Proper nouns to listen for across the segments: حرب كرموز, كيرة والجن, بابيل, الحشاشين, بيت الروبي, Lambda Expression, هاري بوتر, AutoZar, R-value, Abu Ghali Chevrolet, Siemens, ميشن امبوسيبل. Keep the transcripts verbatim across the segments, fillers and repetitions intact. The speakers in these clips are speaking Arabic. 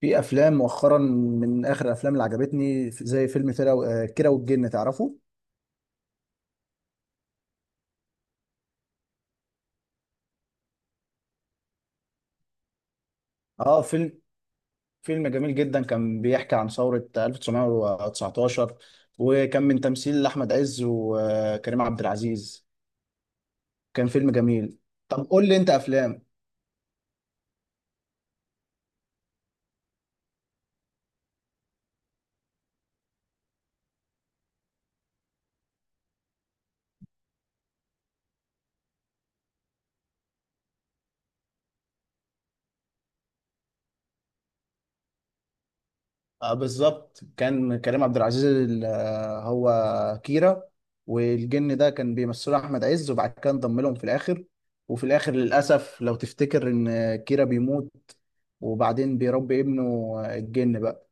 في افلام مؤخرا من اخر الافلام اللي عجبتني زي فيلم كيرة و- آه، كيرة والجن، تعرفه؟ اه، فيلم فيلم جميل جدا، كان بيحكي عن ثورة ألف وتسعمية وتسعتاشر، وكان من تمثيل احمد عز وكريم عبد العزيز. كان فيلم جميل. طب قول لي انت افلام. آه، بالظبط، كان كريم عبد العزيز ال- آه، هو كيرا، والجن ده كان بيمثله احمد عز، وبعد كده انضم لهم في الاخر. وفي الاخر للاسف لو تفتكر ان كيرا بيموت، وبعدين بيربي ابنه آه، الجن بقى.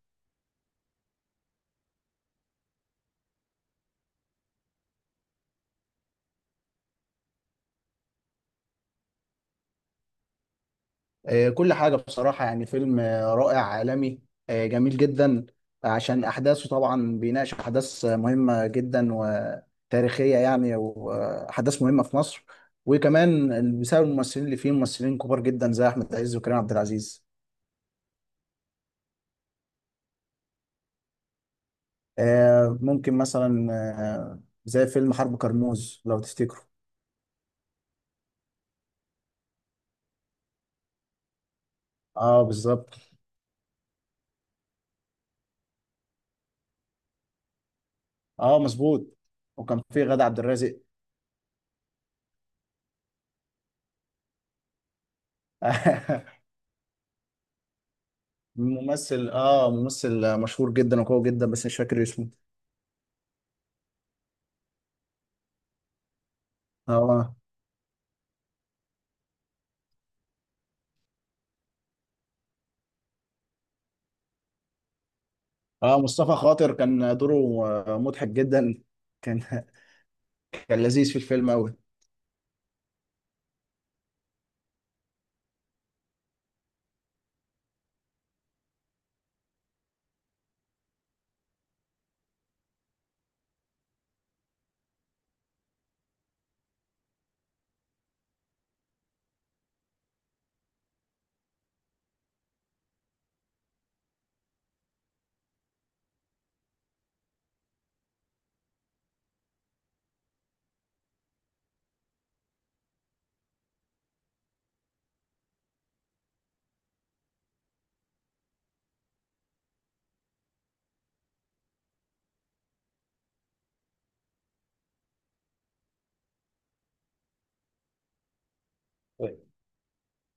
آه، كل حاجة بصراحة، يعني فيلم آه، رائع عالمي، آه، جميل جدا. عشان أحداثه طبعا بيناقش أحداث آه، مهمة جدا وتاريخية يعني، وأحداث مهمة في مصر. وكمان بسبب الممثلين اللي فيه ممثلين كبار جدا زي أحمد عز وكريم عبد العزيز. آه، ممكن مثلا آه، زي فيلم حرب كرموز لو تفتكروا. اه بالظبط. اه مظبوط، وكان فيه غادة عبد الرازق. ممثل، اه ممثل مشهور جدا وقوي جدا، بس مش فاكر اسمه. اه، اه، مصطفى خاطر كان دوره آه، مضحك جدا. كان كان لذيذ في الفيلم قوي.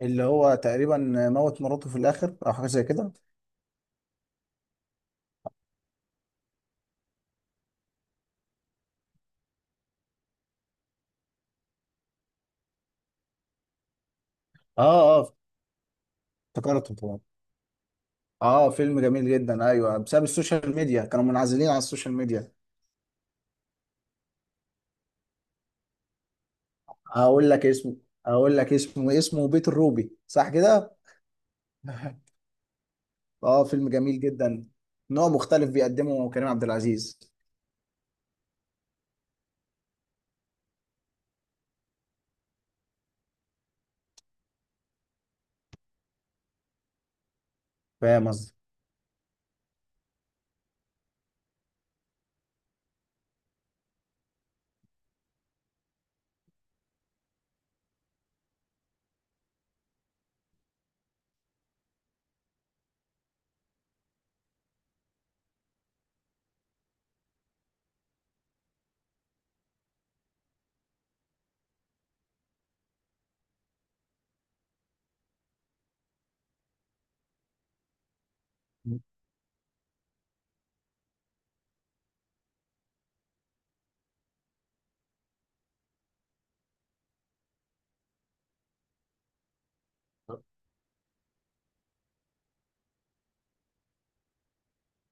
اللي هو تقريبا موت مراته في الاخر او حاجه زي كده. اه، اه، افتكرته طبعا. اه، فيلم جميل جدا. ايوه، بسبب السوشيال ميديا كانوا منعزلين على السوشيال ميديا. هقول لك اسمه هقول لك اسمه اسمه بيت الروبي، صح كده؟ اه، فيلم جميل جدا. نوع مختلف بيقدمه كريم عبد العزيز. فاهم قصدي.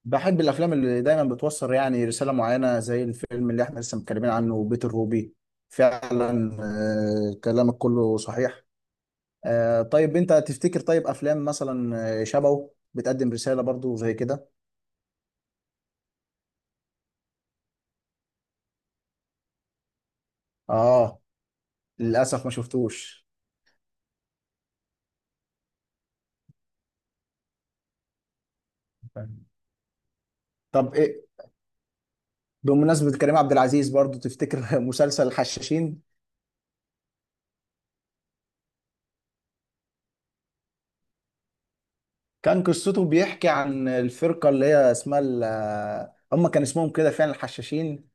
بحب الافلام اللي دايما بتوصل يعني رساله معينه، زي الفيلم اللي احنا لسه متكلمين عنه بيت الروبي. فعلا، آه، كلامك كله صحيح. آه، طيب انت تفتكر، طيب افلام مثلا آه، شبهه بتقدم رساله برضو زي كده؟ اه، للاسف ما شفتوش. طب ايه؟ بمناسبه كريم عبد العزيز برضو، تفتكر مسلسل الحشاشين. كان قصته بيحكي عن الفرقه اللي هي اسمها ال- آه، هم كان اسمهم كده فعلا الحشاشين.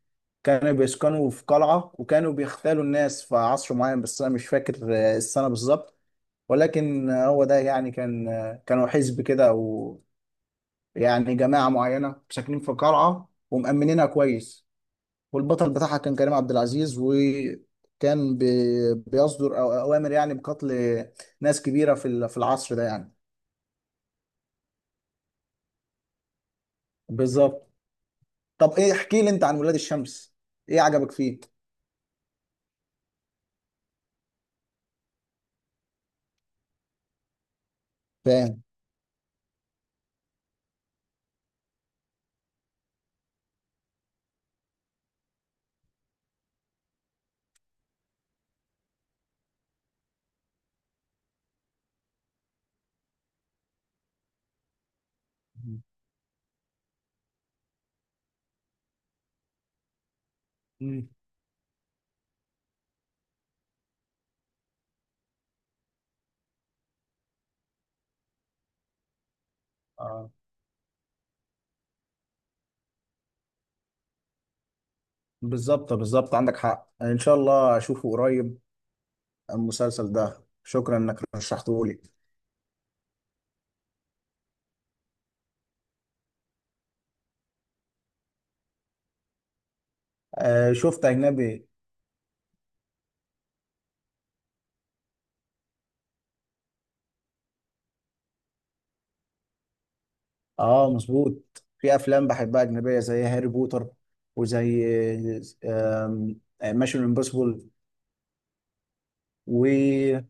كانوا بيسكنوا في قلعة، وكانوا بيختالوا الناس في عصر معين، بس أنا مش فاكر آه، السنة بالظبط. ولكن آه، هو ده يعني كان آه، كانوا حزب كده، أو يعني جماعة معينة ساكنين في قلعة ومأمنينها كويس. والبطل بتاعها كان كريم عبد العزيز، وكان بي- بيصدر أو- أوامر يعني بقتل ناس كبيرة في ال- في العصر ده يعني. بالظبط. طب إيه، احكي لي أنت عن ولاد الشمس، إيه عجبك فيه؟ فاهم. مم. بالظبط، بالظبط، عندك حق. ان شاء الله اشوفه قريب المسلسل ده، شكرا انك رشحته لي. آه، شفت اجنبي. اه مظبوط، في افلام بحبها اجنبيه زي هاري بوتر وزي ميشن امبوسيبل. و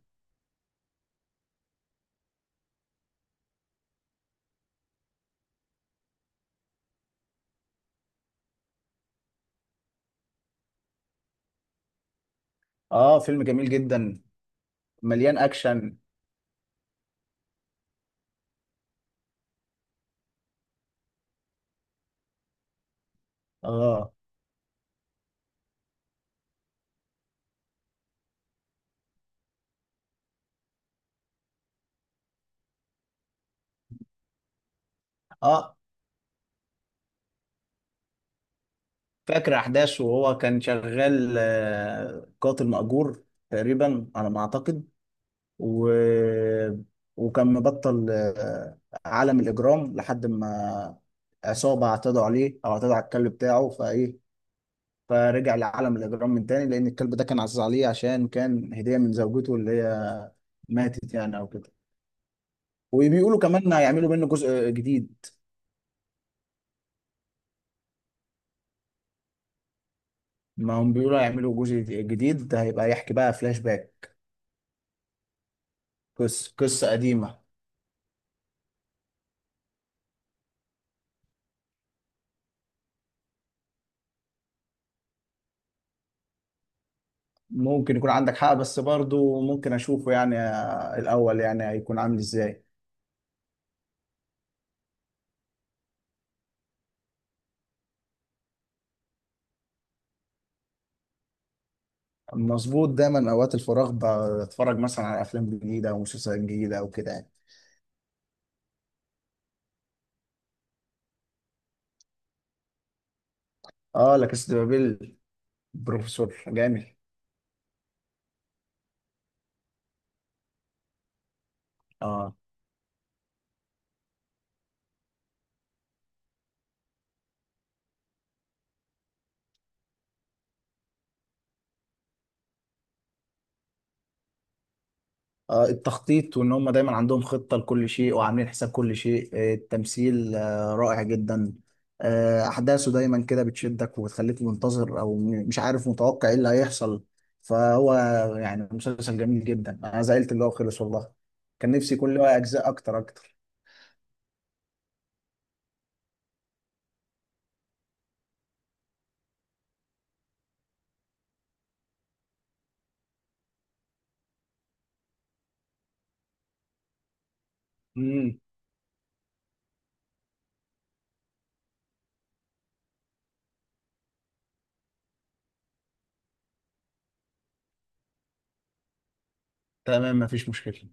اه فيلم جميل جدا مليان اكشن. اه، اه، فاكر احداثه، وهو كان شغال آه قاتل مأجور تقريبا على ما اعتقد. و... وكان مبطل آه، عالم الإجرام لحد ما عصابة اعتدوا عليه أو اعتدوا على الكلب بتاعه، فإيه، فرجع لعالم الإجرام من تاني، لأن الكلب ده كان عزيز عليه عشان كان هدية من زوجته اللي هي ماتت يعني أو كده. وبيقولوا كمان هيعملوا منه جزء جديد. ما هم بيقولوا هيعملوا جزء جديد، ده هيبقى يحكي بقى فلاش باك، قصة قصة قديمة. ممكن يكون عندك حق، بس برضو ممكن أشوفه يعني آه، الأول، يعني هيكون عامل إزاي. مظبوط، دايما اوقات الفراغ بتفرج مثلا على افلام جديده او مسلسلات جديده او كده يعني. اه، لا كاس دي بابيل، بروفيسور جامد. اه. آه، التخطيط، وان هم دايما عندهم خطه لكل شيء وعاملين حساب كل شيء. آه، التمثيل آه، رائع جدا. آه، احداثه دايما كده بتشدك وبتخليك منتظر، او م- مش عارف متوقع ايه اللي هيحصل. فهو يعني مسلسل جميل جدا، انا زعلت اللي هو خلص والله. كان نفسي يكون له اجزاء اكتر اكتر. امم. تمام، مفيش مشكله.